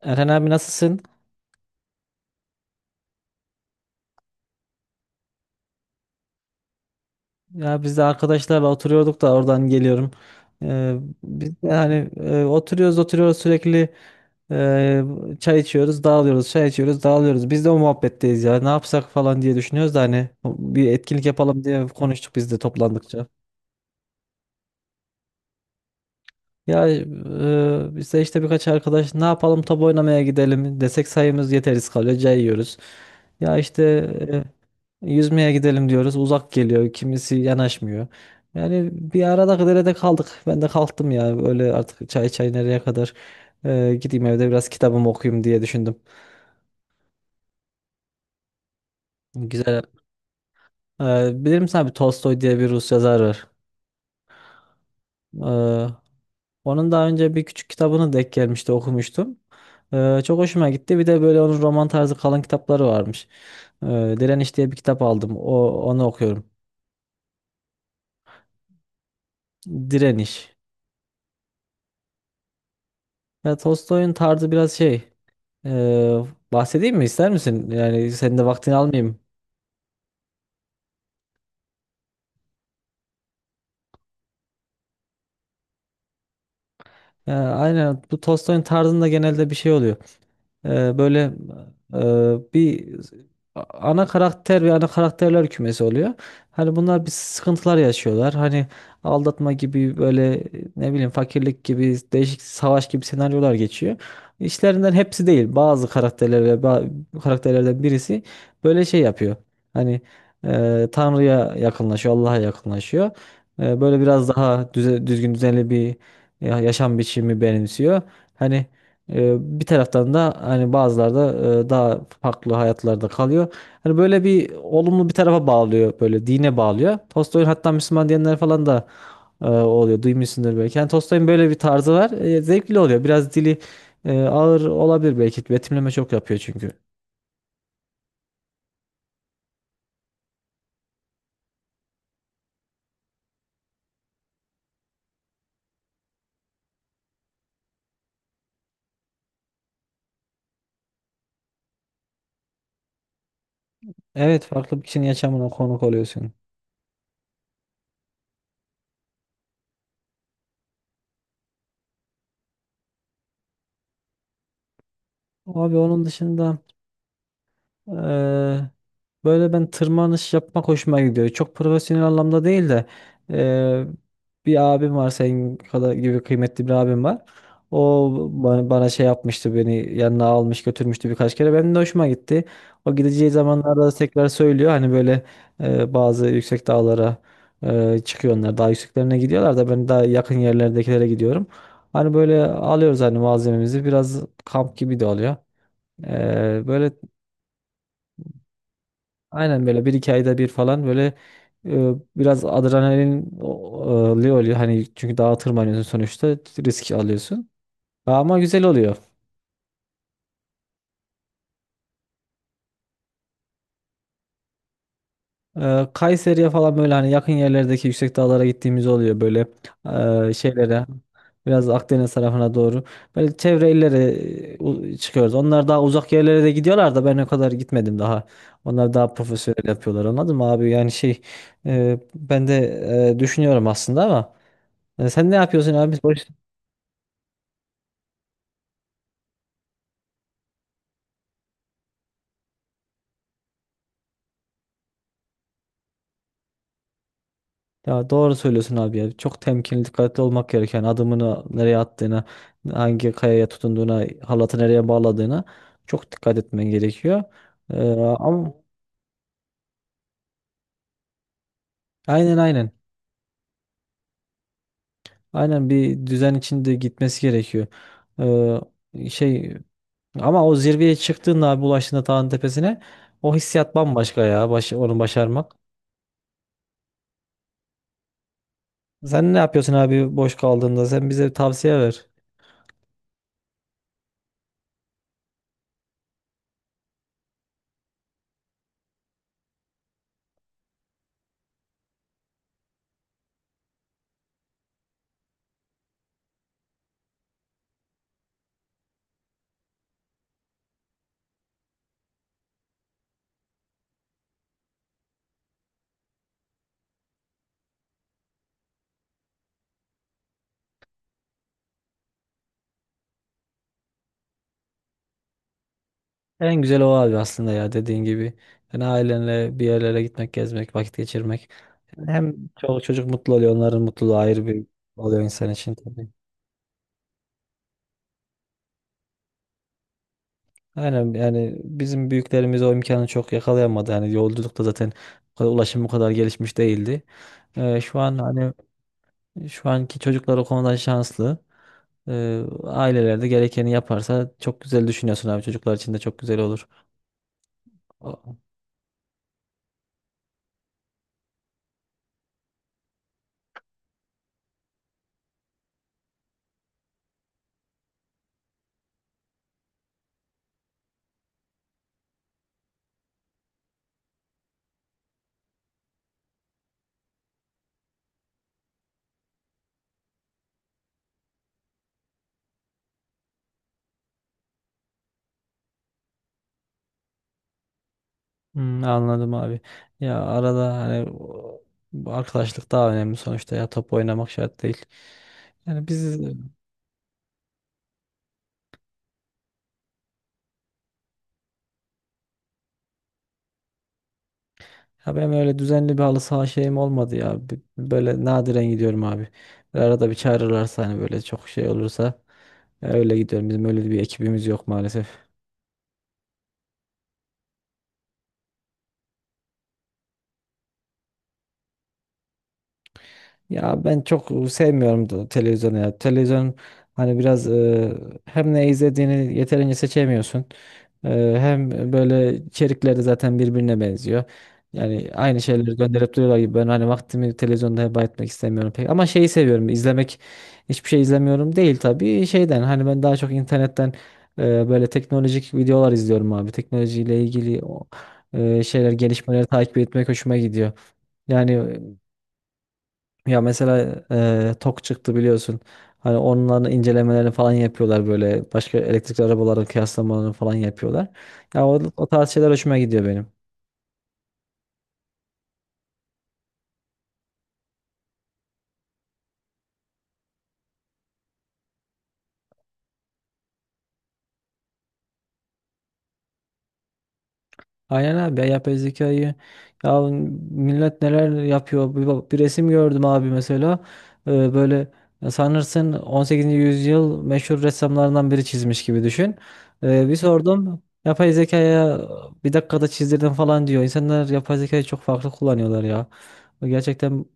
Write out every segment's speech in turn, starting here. Erhan abi nasılsın? Ya biz de arkadaşlarla oturuyorduk da oradan geliyorum. Ee, biz de hani oturuyoruz oturuyoruz sürekli e, çay içiyoruz, dağılıyoruz, çay içiyoruz, dağılıyoruz. Biz de o muhabbetteyiz ya. Ne yapsak falan diye düşünüyoruz da hani bir etkinlik yapalım diye konuştuk biz de toplandıkça. Ya biz de işte birkaç arkadaş ne yapalım top oynamaya gidelim desek sayımız yeteriz kalıyor cayıyoruz. Ya işte yüzmeye gidelim diyoruz uzak geliyor kimisi yanaşmıyor. Yani bir arada derede kaldık ben de kalktım ya öyle artık çay çay nereye kadar. Gideyim evde biraz kitabımı okuyayım diye düşündüm. Güzel. Bilir misin abi, Tolstoy diye bir Rus yazar var. E, Onun daha önce bir küçük kitabını denk gelmişti, okumuştum. Çok hoşuma gitti. Bir de böyle onun roman tarzı kalın kitapları varmış. Ee, Direniş diye bir kitap aldım. Onu okuyorum. Direniş. Ya, Tolstoy'un tarzı biraz şey. ee, bahsedeyim mi ister misin? Yani senin de vaktini almayayım. Ya, aynen, bu Tolstoy'un tarzında genelde bir şey oluyor. Böyle bir ana karakter ve ana karakterler kümesi oluyor. Hani bunlar bir sıkıntılar yaşıyorlar. Hani aldatma gibi böyle, ne bileyim, fakirlik gibi, değişik, savaş gibi senaryolar geçiyor. İşlerinden hepsi değil. Bazı karakterler ve karakterlerden birisi böyle şey yapıyor. Hani Tanrı'ya yakınlaşıyor, Allah'a yakınlaşıyor. Böyle biraz daha düzgün, düzenli bir yaşam biçimi benimsiyor. Hani bir taraftan da hani bazıları da daha farklı hayatlarda kalıyor. Hani böyle bir olumlu bir tarafa bağlıyor, böyle dine bağlıyor. Tolstoy'un hatta Müslüman diyenler falan da oluyor. Duymuşsundur belki. Yani Tolstoy'un böyle bir tarzı var. Zevkli oluyor. Biraz dili ağır olabilir belki. Betimleme çok yapıyor çünkü. Evet, farklı bir kişinin yaşamına konuk oluyorsun. Abi, onun dışında Eee, böyle ben tırmanış yapmak hoşuma gidiyor. Çok profesyonel anlamda değil de eee, bir abim var, senin kadar gibi kıymetli bir abim var. O bana şey yapmıştı, beni yanına almış götürmüştü birkaç kere. Benim de hoşuma gitti. O gideceği zamanlarda da tekrar söylüyor. Hani böyle bazı yüksek dağlara çıkıyor onlar. Daha yükseklerine gidiyorlar da ben daha yakın yerlerdekilere gidiyorum. Hani böyle alıyoruz hani malzememizi. Biraz kamp gibi de oluyor. Böyle aynen, böyle bir iki ayda bir falan, böyle biraz adrenalin oluyor. Hani çünkü dağa tırmanıyorsun sonuçta, risk alıyorsun. Ama güzel oluyor. Kayseri'ye falan, böyle hani yakın yerlerdeki yüksek dağlara gittiğimiz oluyor. Böyle şeylere, biraz Akdeniz tarafına doğru, böyle çevre illere çıkıyoruz. Onlar daha uzak yerlere de gidiyorlar da ben o kadar gitmedim daha. Onlar daha profesyonel yapıyorlar, anladın mı abi? Yani şey, ben de düşünüyorum aslında ama. Ya sen ne yapıyorsun abi? Boş. Ya doğru söylüyorsun abi ya. Çok temkinli, dikkatli olmak gereken; adımını nereye attığına, hangi kayaya tutunduğuna, halatı nereye bağladığına çok dikkat etmen gerekiyor. Ee, ama aynen, aynen. Aynen, bir düzen içinde gitmesi gerekiyor. Şey, ama o zirveye çıktığında abi, ulaştığında dağın tepesine, o hissiyat bambaşka ya. Onu başarmak. Sen ne yapıyorsun abi boş kaldığında? Sen bize tavsiye ver. En güzel o abi, aslında ya, dediğin gibi. Yani ailenle bir yerlere gitmek, gezmek, vakit geçirmek. Yani hem çoluk çocuk mutlu oluyor, onların mutluluğu ayrı bir oluyor insan için tabii. Aynen, yani bizim büyüklerimiz o imkanı çok yakalayamadı. Yani yolculukta zaten ulaşım bu kadar gelişmiş değildi. Şu an hani, şu anki çocuklar o konuda şanslı. Aileler de gerekeni yaparsa, çok güzel düşünüyorsun abi. Çocuklar için de çok güzel olur. Hmm, anladım abi. Ya arada hani bu arkadaşlık daha önemli sonuçta ya, top oynamak şart değil. Yani ya, benim öyle düzenli bir halı saha şeyim olmadı ya. Böyle nadiren gidiyorum abi. Böyle arada bir çağırırlarsa, hani böyle çok şey olursa, ya öyle gidiyorum. Bizim öyle bir ekibimiz yok maalesef. Ya ben çok sevmiyorum da televizyonu ya. Televizyon hani biraz hem ne izlediğini yeterince seçemiyorsun. E, hem böyle içerikleri zaten birbirine benziyor. Yani aynı şeyleri gönderip duruyorlar gibi; ben hani vaktimi televizyonda heba etmek istemiyorum pek. Ama şeyi seviyorum izlemek, hiçbir şey izlemiyorum değil tabii, şeyden, hani ben daha çok internetten böyle teknolojik videolar izliyorum abi. Teknolojiyle ilgili şeyler, gelişmeleri takip etmek hoşuma gidiyor. Yani ya mesela TOK çıktı biliyorsun. Hani onların incelemelerini falan yapıyorlar böyle. Başka elektrikli arabaların kıyaslamalarını falan yapıyorlar. Ya o tarz şeyler hoşuma gidiyor benim. Aynen abi, ya yapay zekayı, ya millet neler yapıyor, bir resim gördüm abi mesela. Böyle ya, sanırsın 18. yüzyıl meşhur ressamlarından biri çizmiş gibi, düşün. Bir sordum yapay zekaya, bir dakikada çizdirdim falan diyor. İnsanlar yapay zekayı çok farklı kullanıyorlar ya, gerçekten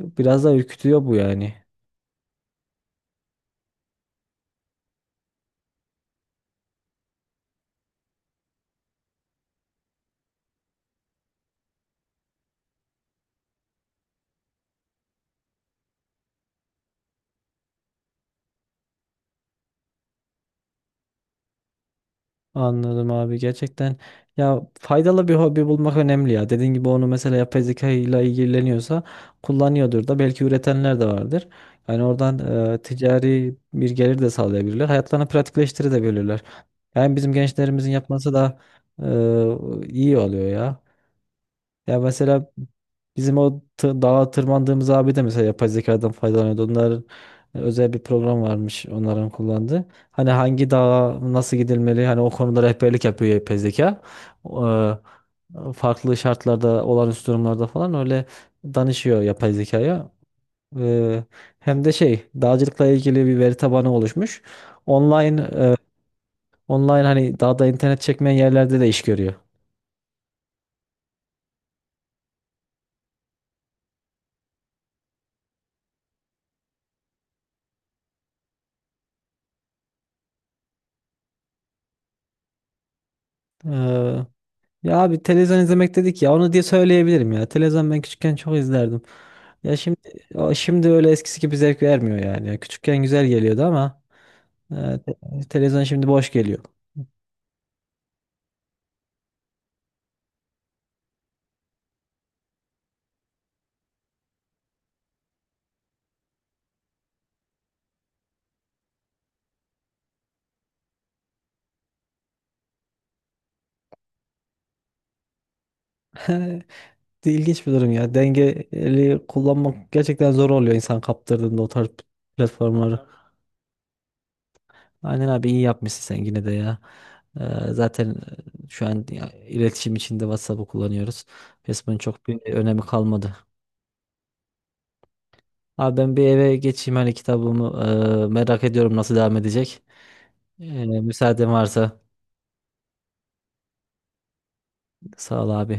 biraz da ürkütüyor bu, yani. Anladım abi, gerçekten. Ya, faydalı bir hobi bulmak önemli ya. Dediğin gibi, onu mesela yapay zeka ile ilgileniyorsa kullanıyordur da belki, üretenler de vardır. Yani oradan ticari bir gelir de sağlayabilirler. Hayatlarını pratikleştirebilirler. Yani bizim gençlerimizin yapması da iyi oluyor ya. Ya mesela bizim o dağa tırmandığımız abi de mesela, yapay zekadan faydalanıyordu. Onların özel bir program varmış, onların kullandığı. Hani hangi dağa nasıl gidilmeli, hani o konuda rehberlik yapıyor yapay zeka. Eee, farklı şartlarda, olağanüstü durumlarda falan, öyle danışıyor yapay zekaya. Eee, hem de şey, dağcılıkla ilgili bir veri tabanı oluşmuş. Online e, Online hani, daha da internet çekmeyen yerlerde de iş görüyor. Ee, ya abi, televizyon izlemek dedik ya, onu diye söyleyebilirim ya. Televizyon, ben küçükken çok izlerdim. Ya şimdi öyle eskisi gibi zevk vermiyor yani. Ya küçükken güzel geliyordu ama televizyon şimdi boş geliyor. İlginç bir durum ya. Dengeli kullanmak gerçekten zor oluyor, insan kaptırdığında o tarz platformları. Aynen abi, iyi yapmışsın sen yine de ya. Ee, zaten şu an ya, iletişim içinde WhatsApp'ı kullanıyoruz. Facebook'un çok bir önemi kalmadı. Abi ben bir eve geçeyim, hani kitabımı merak ediyorum nasıl devam edecek. Müsaaden varsa, sağ ol abi.